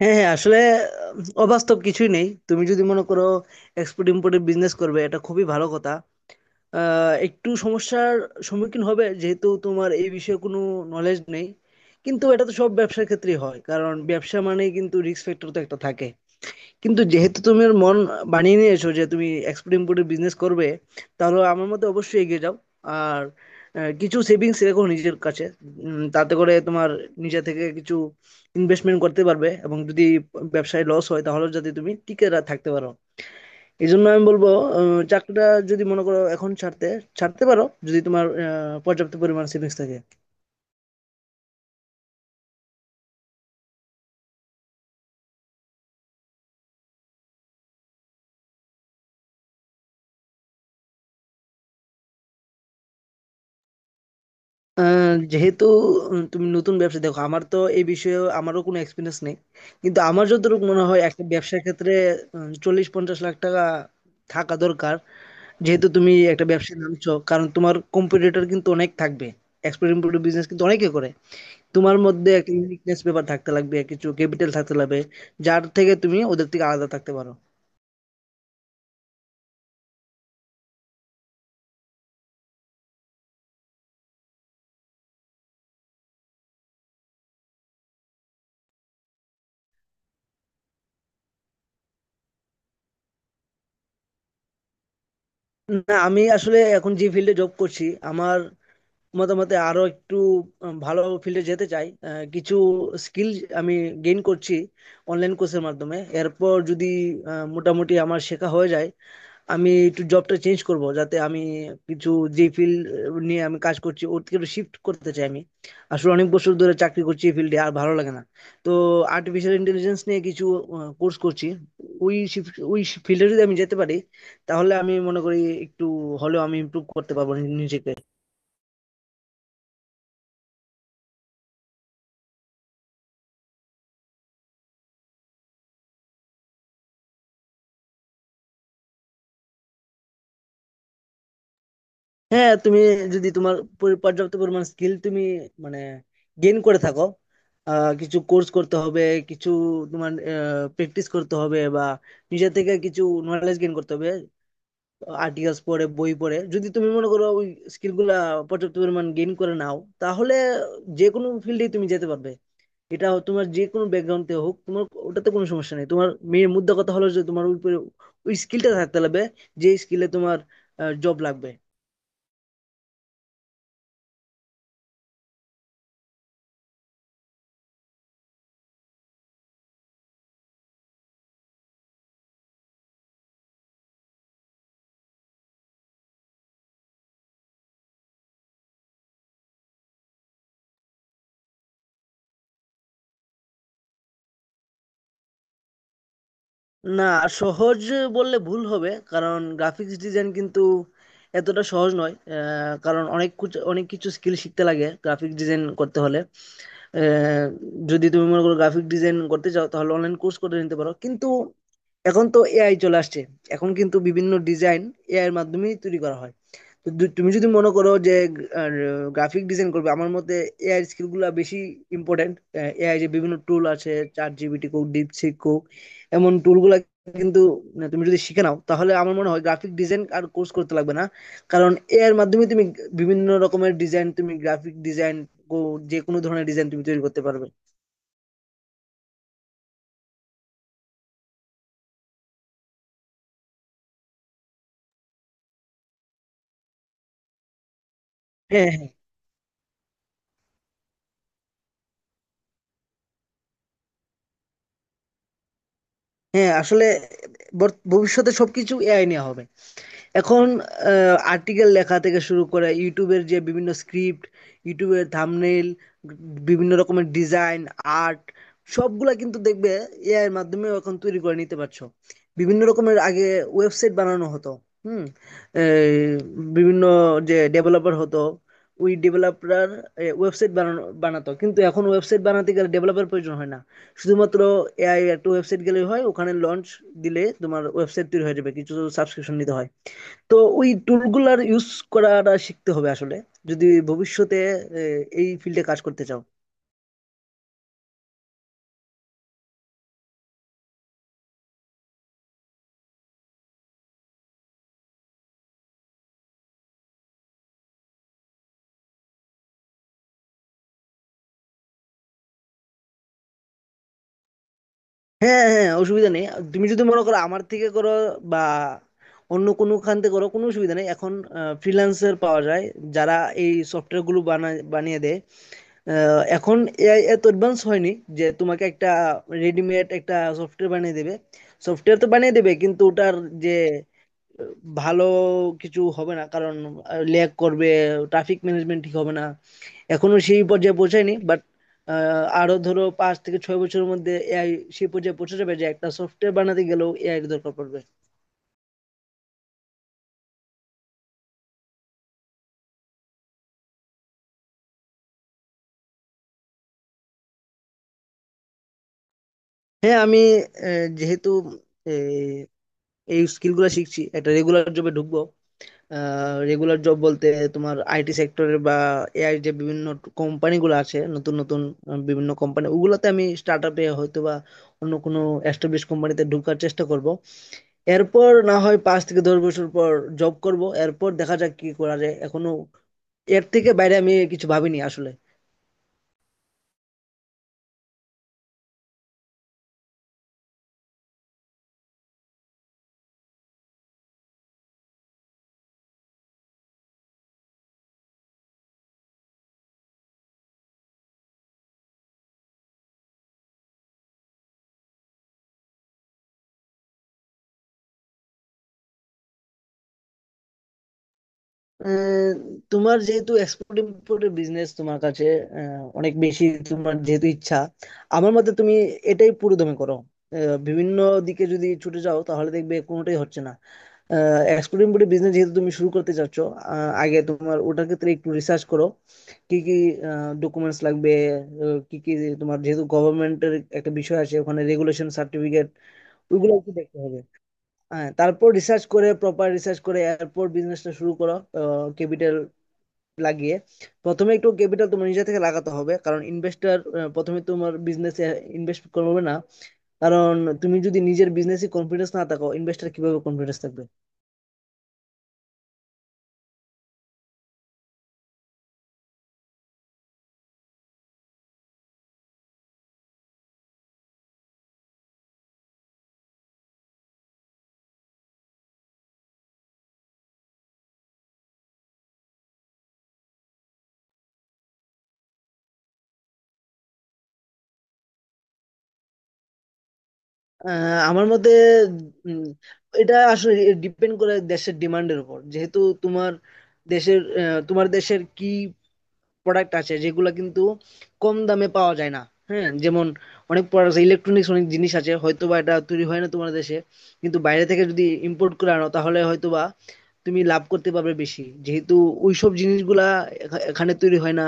হ্যাঁ, হ্যাঁ, আসলে আহ, অবাস্তব কিছুই নেই। তুমি যদি মনে করো এক্সপোর্ট ইম্পোর্টের বিজনেস করবে, এটা খুবই ভালো কথা। একটু সমস্যার সম্মুখীন হবে যেহেতু তোমার এই বিষয়ে কোনো নলেজ নেই, কিন্তু এটা তো সব ব্যবসার ক্ষেত্রেই হয়। কারণ ব্যবসা মানে কিন্তু রিস্ক ফ্যাক্টর তো একটা থাকে। কিন্তু যেহেতু তুমি ওর মন বানিয়ে নিয়েছো যে তুমি এক্সপোর্ট ইমপোর্টের বিজনেস করবে, তাহলে আমার মতে অবশ্যই এগিয়ে যাও। আর কিছু সেভিংস রেখো নিজের কাছে। তাতে করে তোমার নিজে থেকে কিছু ইনভেস্টমেন্ট করতে পারবে, এবং যদি ব্যবসায় লস হয় তাহলে যাতে তুমি টিকে থাকতে পারো। এই জন্য আমি বলবো, চাকরিটা যদি মনে করো এখন ছাড়তে ছাড়তে পারো, যদি তোমার পর্যাপ্ত পরিমাণ সেভিংস থাকে। যেহেতু তুমি নতুন ব্যবসা দেখো, আমার তো এই বিষয়ে আমারও কোনো এক্সপিরিয়েন্স নেই, কিন্তু আমার যতটুকু মনে হয় একটা ব্যবসার ক্ষেত্রে 40-50 লাখ টাকা থাকা দরকার। যেহেতু তুমি একটা ব্যবসায় নামছো, কারণ তোমার কম্পিটিটর কিন্তু অনেক থাকবে। এক্সপোর্ট ইমপোর্ট বিজনেস কিন্তু অনেকে করে। তোমার মধ্যে একটা ইউনিকনেস ব্যাপার থাকতে লাগবে, কিছু ক্যাপিটাল থাকতে লাগবে, যার থেকে তুমি ওদের থেকে আলাদা থাকতে পারো। না, আমি আসলে এখন যে ফিল্ডে জব করছি, আমার মতামতে আরো একটু ভালো ফিল্ডে যেতে চাই। কিছু স্কিল আমি গেইন করছি অনলাইন কোর্সের মাধ্যমে। এরপর যদি মোটামুটি আমার শেখা হয়ে যায়, আমি একটু জবটা চেঞ্জ করব, যাতে আমি কিছু যে ফিল্ড নিয়ে আমি কাজ করছি ওর থেকে একটু শিফট করতে চাই। আমি আসলে অনেক বছর ধরে চাকরি করছি এই ফিল্ডে, আর ভালো লাগে না। তো আর্টিফিশিয়াল ইন্টেলিজেন্স নিয়ে কিছু কোর্স করছি। ওই ফিল্ডে যদি আমি যেতে পারি, তাহলে আমি মনে করি একটু হলেও আমি ইমপ্রুভ করতে পারবো নিজেকে। হ্যাঁ, তুমি যদি তোমার পর্যাপ্ত পরিমাণ স্কিল তুমি মানে গেইন করে থাকো। কিছু কোর্স করতে হবে, কিছু তোমার প্র্যাকটিস করতে হবে, বা নিজে থেকে কিছু নলেজ গেইন করতে হবে। আর্টিকেলস পড়ে, বই পড়ে, যদি তুমি মনে করো ওই স্কিলগুলা পর্যাপ্ত পরিমাণ গেইন করে নাও, তাহলে যে কোনো ফিল্ডে তুমি যেতে পারবে। এটা তোমার যে কোনো ব্যাকগ্রাউন্ডে হোক তোমার ওটাতে কোনো সমস্যা নেই। তোমার মেয়ের মুদ্রা কথা হলো যে তোমার ওই স্কিলটা থাকতে লাগবে, যে স্কিলে তোমার জব লাগবে। না, সহজ বললে ভুল হবে, কারণ গ্রাফিক্স ডিজাইন কিন্তু এতটা সহজ নয়। কারণ অনেক কিছু অনেক কিছু স্কিল শিখতে লাগে গ্রাফিক ডিজাইন করতে হলে। আহ, যদি তুমি মনে করো গ্রাফিক ডিজাইন করতে চাও, তাহলে অনলাইন কোর্স করে নিতে পারো, কিন্তু এখন তো এআই চলে আসছে। এখন কিন্তু বিভিন্ন ডিজাইন এআই এর মাধ্যমেই তৈরি করা হয়। তো তুমি যদি মনে করো যে গ্রাফিক ডিজাইন করবে, আমার মতে এআই স্কিলগুলো বেশি ইম্পর্টেন্ট। এআই যে বিভিন্ন টুল আছে, চ্যাট জিপিটি কোক, ডিপসিক কোক, এমন টুলগুলো কিন্তু না, তুমি যদি শিখে নাও তাহলে আমার মনে হয় গ্রাফিক ডিজাইন আর কোর্স করতে লাগবে না। কারণ এআই এর মাধ্যমে তুমি বিভিন্ন রকমের ডিজাইন, তুমি গ্রাফিক ডিজাইন, যে কোনো ধরনের ডিজাইন তুমি তৈরি করতে পারবে। হ্যাঁ, হ্যাঁ, হ্যাঁ, আসলে ভবিষ্যতে সবকিছু এআই নেওয়া হবে। এখন আর্টিকেল লেখা থেকে শুরু করে ইউটিউবের যে বিভিন্ন স্ক্রিপ্ট, ইউটিউবের থাম্বনেল, বিভিন্ন রকমের ডিজাইন, আর্ট, সবগুলা কিন্তু দেখবে এআই এর মাধ্যমে এখন তৈরি করে নিতে পারছো। বিভিন্ন রকমের আগে ওয়েবসাইট বানানো হতো। হুম। এই বিভিন্ন যে ডেভেলপার হতো, ওই ডেভেলপার ওয়েবসাইট বানানো বানাতো, কিন্তু এখন ওয়েবসাইট বানাতে গেলে ডেভেলপার প্রয়োজন হয় না। শুধুমাত্র এআই একটা ওয়েবসাইট গেলেই হয়, ওখানে লঞ্চ দিলে তোমার ওয়েবসাইট তৈরি হয়ে যাবে। কিছু সাবস্ক্রিপশন নিতে হয়। তো ওই টুলগুলার ইউজ করাটা শিখতে হবে আসলে, যদি ভবিষ্যতে এই ফিল্ডে কাজ করতে চাও। হ্যাঁ, হ্যাঁ, অসুবিধা নেই। আর তুমি যদি মনে করো আমার থেকে করো, বা অন্য কোনো খান থেকে করো, কোনো অসুবিধা নেই। এখন ফ্রিল্যান্সার পাওয়া যায় যারা এই সফটওয়্যার গুলো বানায়, বানিয়ে দেয়। এখন এআই এত অ্যাডভান্স হয়নি যে তোমাকে একটা রেডিমেড একটা সফটওয়্যার বানিয়ে দেবে। সফটওয়্যার তো বানিয়ে দেবে, কিন্তু ওটার যে ভালো কিছু হবে না, কারণ ল্যাগ করবে, ট্রাফিক ম্যানেজমেন্ট ঠিক হবে না। এখনো সেই পর্যায়ে পৌঁছায়নি, বাট আরো ধরো 5 থেকে 6 বছরের মধ্যে এআই সেই পর্যায়ে পৌঁছে যাবে যে একটা সফটওয়্যার বানাতে গেলেও এআই এর দরকার পড়বে। হ্যাঁ, আমি যেহেতু আহ, এই স্কিল গুলা শিখছি, একটা রেগুলার জবে ঢুকবো। রেগুলার জব বলতে তোমার আইটি সেক্টরে, বা এআই যে বিভিন্ন কোম্পানিগুলো আছে নতুন নতুন বিভিন্ন কোম্পানি, ওগুলোতে আমি স্টার্ট আপে হয়তো বা অন্য কোনো এস্টাবলিশ কোম্পানিতে ঢোকার চেষ্টা করব। এরপর না হয় 5 থেকে 10 বছর পর জব করব, এরপর দেখা যাক কি করা যায়। এখনো এর থেকে বাইরে আমি কিছু ভাবিনি আসলে। আহ, তোমার যেহেতু এক্সপোর্ট ইমপোর্টের বিজনেস তোমার কাছে অনেক বেশি, তোমার যেহেতু ইচ্ছা, আমার মতে তুমি এটাই পুরো দমে করো। বিভিন্ন দিকে যদি ছুটে যাও তাহলে দেখবে কোনোটাই হচ্ছে না। এক্সপোর্ট ইমপোর্টের বিজনেস যেহেতু তুমি শুরু করতে চাচ্ছ, আগে তোমার ওটার ক্ষেত্রে একটু রিসার্চ করো। কি কি ডকুমেন্টস লাগবে, কি কি তোমার, যেহেতু গভর্নমেন্টের একটা বিষয় আছে ওখানে, রেগুলেশন, সার্টিফিকেট, ওইগুলো একটু দেখতে হবে। হ্যাঁ, তারপর রিসার্চ করে প্রপার রিসার্চ করে এয়ারপোর্ট বিজনেসটা শুরু করো। ক্যাপিটাল লাগিয়ে, প্রথমে একটু ক্যাপিটাল তোমার নিজে থেকে লাগাতে হবে, কারণ ইনভেস্টর প্রথমে তোমার বিজনেসে ইনভেস্ট করবে না। কারণ তুমি যদি নিজের বিজনেসে কনফিডেন্স না থাকো, ইনভেস্টর কিভাবে কনফিডেন্স থাকবে। আমার মতে উম, এটা আসলে ডিপেন্ড করে দেশের ডিমান্ডের উপর। যেহেতু তোমার দেশের তোমার দেশের কি প্রোডাক্ট আছে যেগুলো কিন্তু কম দামে পাওয়া যায় না। হ্যাঁ, যেমন অনেক প্রোডাক্ট ইলেকট্রনিক্স অনেক জিনিস আছে হয়তোবা এটা তৈরি হয় না তোমার দেশে, কিন্তু বাইরে থেকে যদি ইম্পোর্ট করে আনো তাহলে হয়তোবা তুমি লাভ করতে পারবে বেশি। যেহেতু ওইসব জিনিসগুলা এখানে তৈরি হয় না,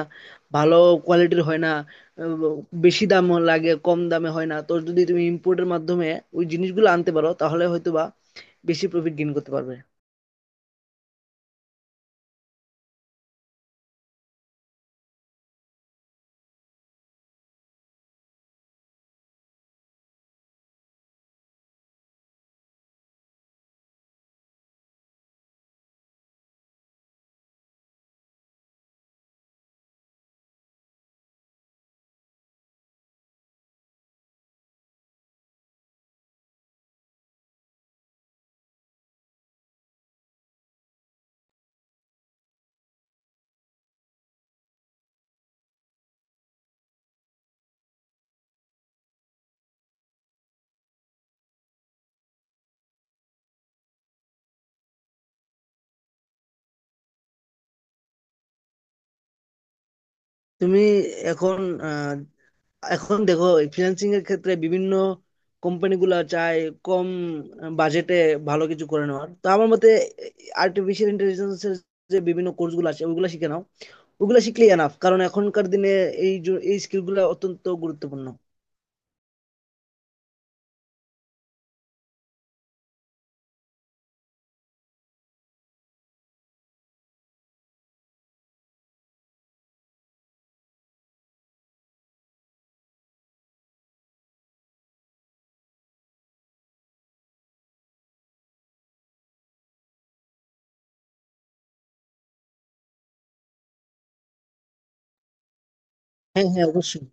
ভালো কোয়ালিটির হয় না, আহ, বেশি দাম লাগে, কম দামে হয় না। তো যদি তুমি ইম্পোর্টের মাধ্যমে ওই জিনিসগুলো আনতে পারো, তাহলে হয়তো বা বেশি প্রফিট গেইন করতে পারবে। তুমি এখন আহ, এখন দেখো, ফ্রিল্যান্সিং এর ক্ষেত্রে বিভিন্ন কোম্পানিগুলো চায় কম বাজেটে ভালো কিছু করে নেওয়ার। তো আমার মতে আর্টিফিশিয়াল ইন্টেলিজেন্সের যে বিভিন্ন কোর্সগুলো আছে ওইগুলো শিখে নাও। ওগুলা শিখলেই এনাফ, কারণ এখনকার দিনে এই স্কিল গুলা অত্যন্ত গুরুত্বপূর্ণ। হ্যাঁ, হ্যাঁ, অবশ্যই।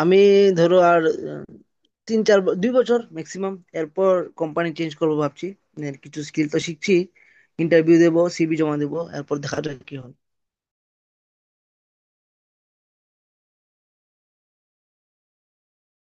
আমি ধরো আর আহ, 2 বছর ম্যাক্সিমাম। এরপর কোম্পানি চেঞ্জ করবো ভাবছি। এর কিছু স্কিল তো শিখছি। ইন্টারভিউ দেবো, সিভি জমা দেবো, এরপর দেখা যাক কি হয়।